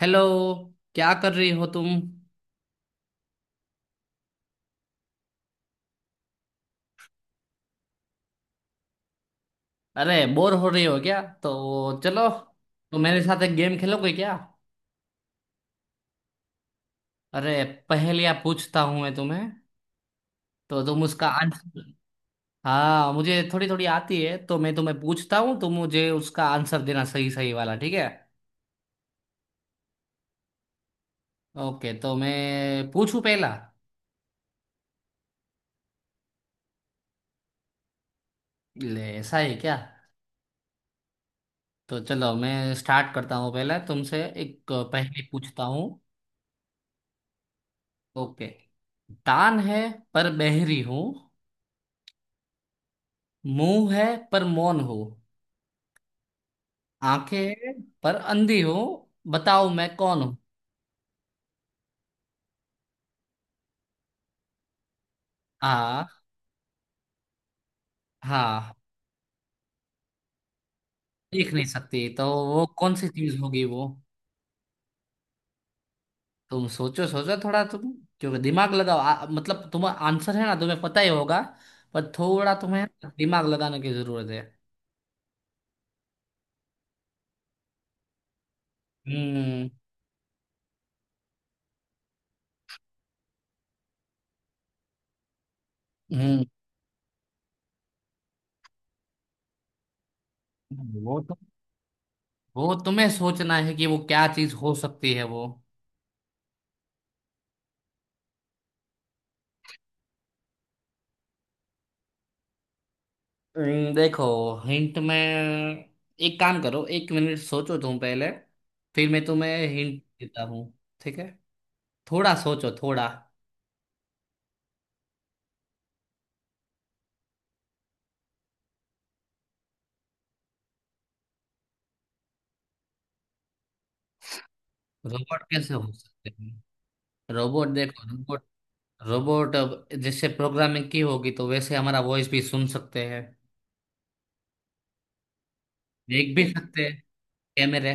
Hello. क्या कर रही हो तुम? अरे बोर हो रही हो क्या? तो चलो, तो मेरे साथ एक गेम खेलोगे क्या? अरे पहेलियां पूछता हूं मैं तुम्हें, तो तुम उसका आंसर। हाँ, मुझे थोड़ी थोड़ी आती है, तो मैं तुम्हें पूछता हूँ, तुम मुझे उसका आंसर देना, सही सही वाला, ठीक है? ओके, तो मैं पूछूं पहला। ले, ऐसा है क्या? तो चलो मैं स्टार्ट करता हूँ, पहला तुमसे एक पहेली पूछता हूँ। ओके। दान है पर बहरी हूँ, मुंह है पर मौन हो, आंखें हैं पर अंधी हो, बताओ मैं कौन हूँ। हाँ। हाँ। देख नहीं सकती तो वो कौन सी चीज होगी वो? तुम सोचो सोचो थोड़ा तुम, क्योंकि दिमाग लगाओ, मतलब तुम्हारा आंसर है ना, तुम्हें पता ही होगा, पर थोड़ा तुम्हें दिमाग लगाने की जरूरत है। हम्म। हम्म। वो तो, वो तुम्हें सोचना है कि वो क्या चीज हो सकती है वो। देखो, हिंट में एक काम करो, एक मिनट सोचो तुम पहले, फिर मैं तुम्हें हिंट देता हूँ, ठीक है? थोड़ा सोचो थोड़ा। रोबोट कैसे हो सकते हैं? रोबोट? देखो, रोबोट, रोबोट अब जैसे प्रोग्रामिंग की होगी तो वैसे हमारा वॉइस भी सुन सकते हैं, देख भी सकते हैं, कैमरे।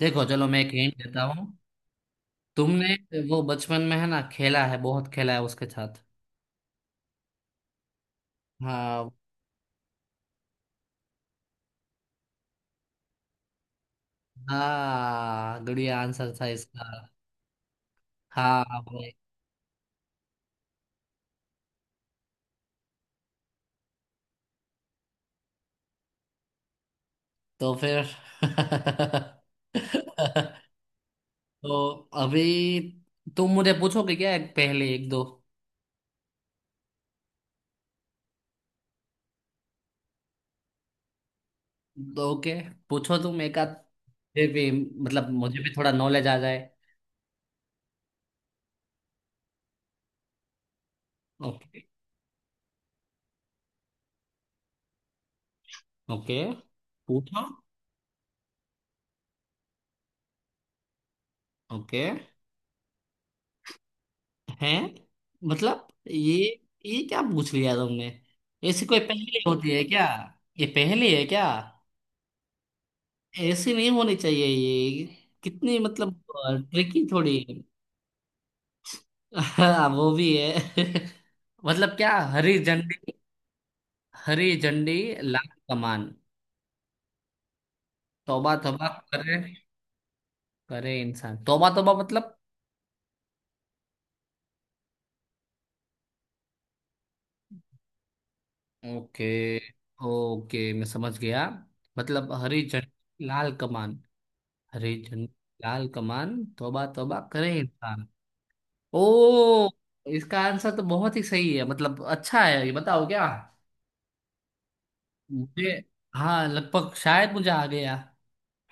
देखो चलो, मैं एक हिंट देता हूँ। तुमने, वो बचपन में है ना, खेला है, बहुत खेला है उसके साथ। हाँ। हाँ, गुड़िया आंसर था इसका। हाँ। तो फिर तो अभी तुम मुझे पूछोगे क्या एक? पहले एक दो। तो ओके, पूछो तुम एक आध, फिर भी मतलब मुझे भी थोड़ा नॉलेज आ जाए। ओके। ओके, पूछो। ओके। हैं? मतलब ये क्या पूछ लिया तुमने? ऐसी कोई पहेली होती है क्या? ये पहेली है क्या? ऐसी नहीं होनी चाहिए ये। कितनी मतलब ट्रिकी थोड़ी है। हाँ वो भी है। मतलब क्या हरी झंडी? हरी झंडी? लाल कमान? तौबा तौबा करे, करे इंसान, तौबा तौबा मतलब। ओके। ओके मैं समझ गया। मतलब हरी झंडी लाल कमान, हरी झंडी लाल कमान तौबा तौबा करे इंसान। ओ, इसका आंसर तो बहुत ही सही है, मतलब अच्छा है। ये बताओ क्या। मुझे? हाँ लगभग, शायद मुझे आ गया।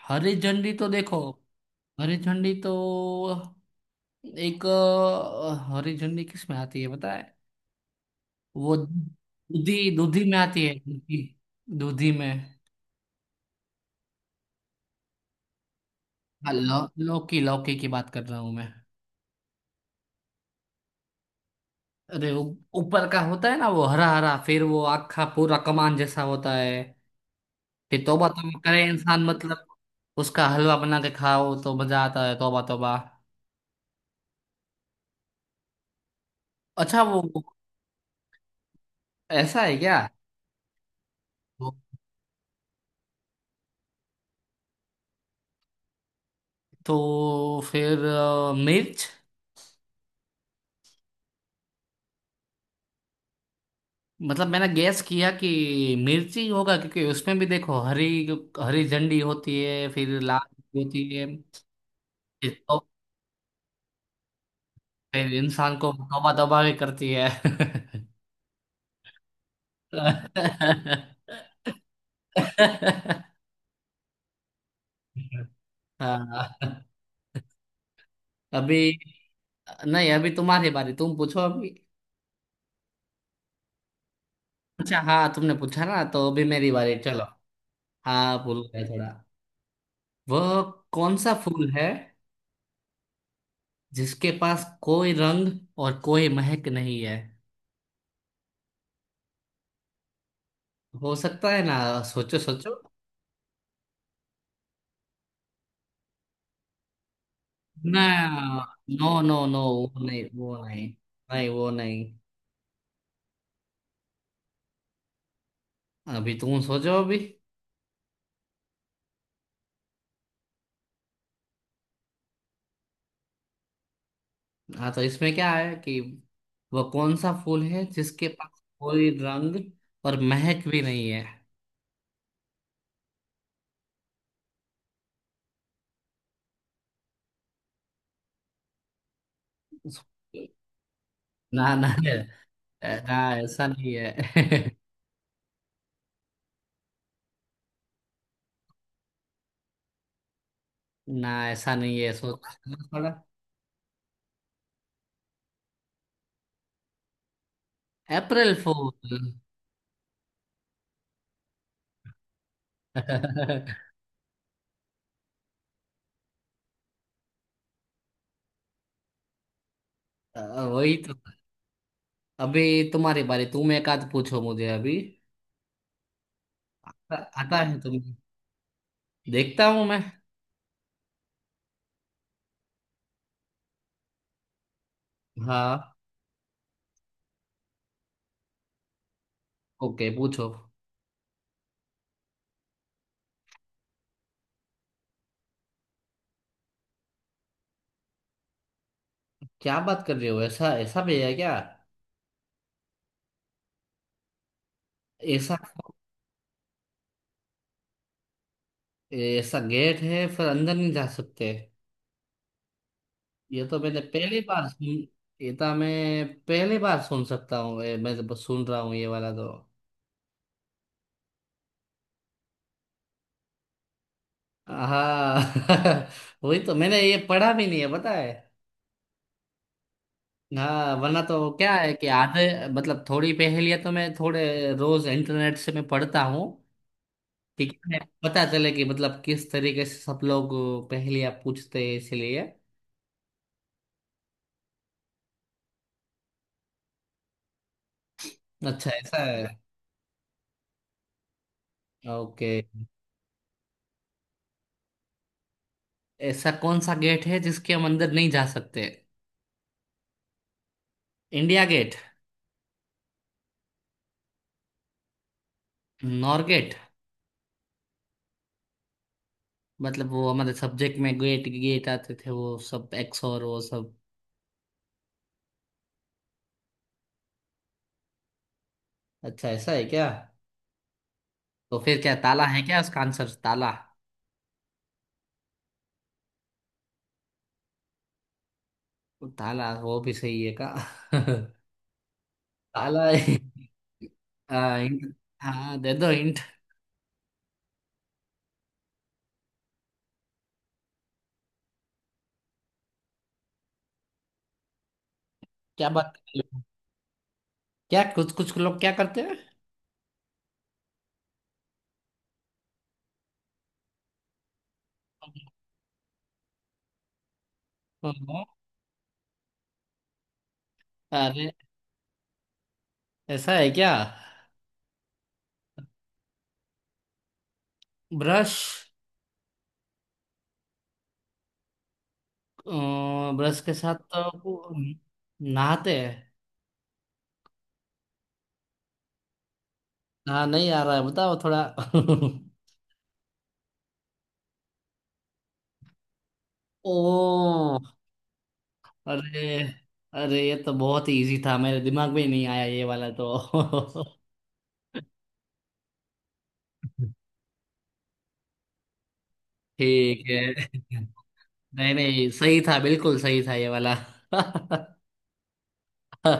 हरी झंडी तो देखो, हरी झंडी तो एक हरी झंडी किस में आती है पता है? वो दूधी, दूधी में आती है, दूधी, दूधी में। हाँ, लौ, लौकी, लौकी की बात कर रहा हूँ मैं। अरे उ- ऊपर का होता है ना वो हरा हरा, फिर वो आखा पूरा कमान जैसा होता है, फिर तौबा तौबा करे इंसान मतलब उसका हलवा बना के खाओ तो मजा आता है, तौबा तौबा। अच्छा वो ऐसा है क्या? तो, तो फिर मिर्च। मतलब मैंने गैस किया कि मिर्च ही होगा, क्योंकि उसमें भी देखो हरी, हरी झंडी होती है, फिर लाल झंडी होती है, फिर फिर इंसान को तौबा तौबा भी करती है। हाँ। अभी, नहीं अभी तुम्हारी बारी, तुम पूछो अभी। अच्छा हाँ, तुमने पूछा ना, तो अभी मेरी बारी, चलो। हाँ भूल गया थोड़ा। वह कौन सा फूल है जिसके पास कोई रंग और कोई महक नहीं है? हो सकता है ना, सोचो सोचो। ना, नो नो नो, वो नहीं वो नहीं। नहीं वो नहीं। अभी तुम सोचो अभी। हाँ, तो इसमें क्या है कि वो कौन सा फूल है जिसके पास कोई रंग और महक भी नहीं है। ना ना, ना ऐसा नहीं है। ना ऐसा नहीं है, सोचो थोड़ा। अप्रैल फूल। वही तो। अभी तुम्हारी बारी, तुम एक आध पूछो मुझे अभी। आता है तुम्हें? देखता हूँ मैं। हाँ। ओके, पूछो। क्या बात कर रहे हो, ऐसा ऐसा भी है क्या? ऐसा? ऐसा गेट है फिर अंदर नहीं जा सकते? ये तो मैंने पहली बार सुन। ये तो मैं पहली बार सुन सकता हूँ, ये मैं तो सुन रहा हूँ ये वाला तो। हाँ वही तो, मैंने ये पढ़ा भी नहीं है पता है। हाँ वरना तो क्या है कि आधे, मतलब थोड़ी पहेलियां तो मैं थोड़े रोज इंटरनेट से मैं पढ़ता हूँ, ठीक है, पता चले कि मतलब किस तरीके से सब लोग पहेलियां पूछते हैं, इसलिए। अच्छा ऐसा है। ओके, ऐसा कौन सा गेट है जिसके हम अंदर नहीं जा सकते? India Gate? नॉर गेट, मतलब वो हमारे सब्जेक्ट में गेट गेट आते थे, वो सब एक्स और वो सब। अच्छा ऐसा है क्या? तो फिर क्या, ताला है क्या, उसका आंसर ताला? वो ताला वो भी सही है का। ताला है। हाँ hint-, हाँ, दे दो इंट। क्या बात कर रहे हो? क्या, कुछ कुछ लोग क्या करते हैं? ओहो। अरे, ऐसा है क्या? ब्रश? अ, ब्रश के साथ तो वो नहाते हैं। हाँ नहीं आ रहा है, बताओ थोड़ा। ओ। अरे, अरे ये तो बहुत ही इजी था, मेरे दिमाग में ही नहीं आया ये वाला तो। ठीक है। नहीं नहीं, सही था, बिल्कुल सही था ये वाला। हाँ।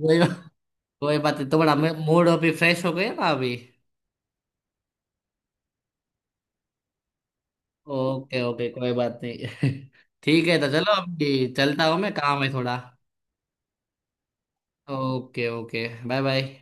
कोई, कोई बात नहीं, तुम्हारा मूड अभी फ्रेश हो गया ना अभी। ओके ओके, कोई बात नहीं। ठीक है, तो चलो अभी, चलता हूँ मैं, काम है थोड़ा। Okay okay, bye bye.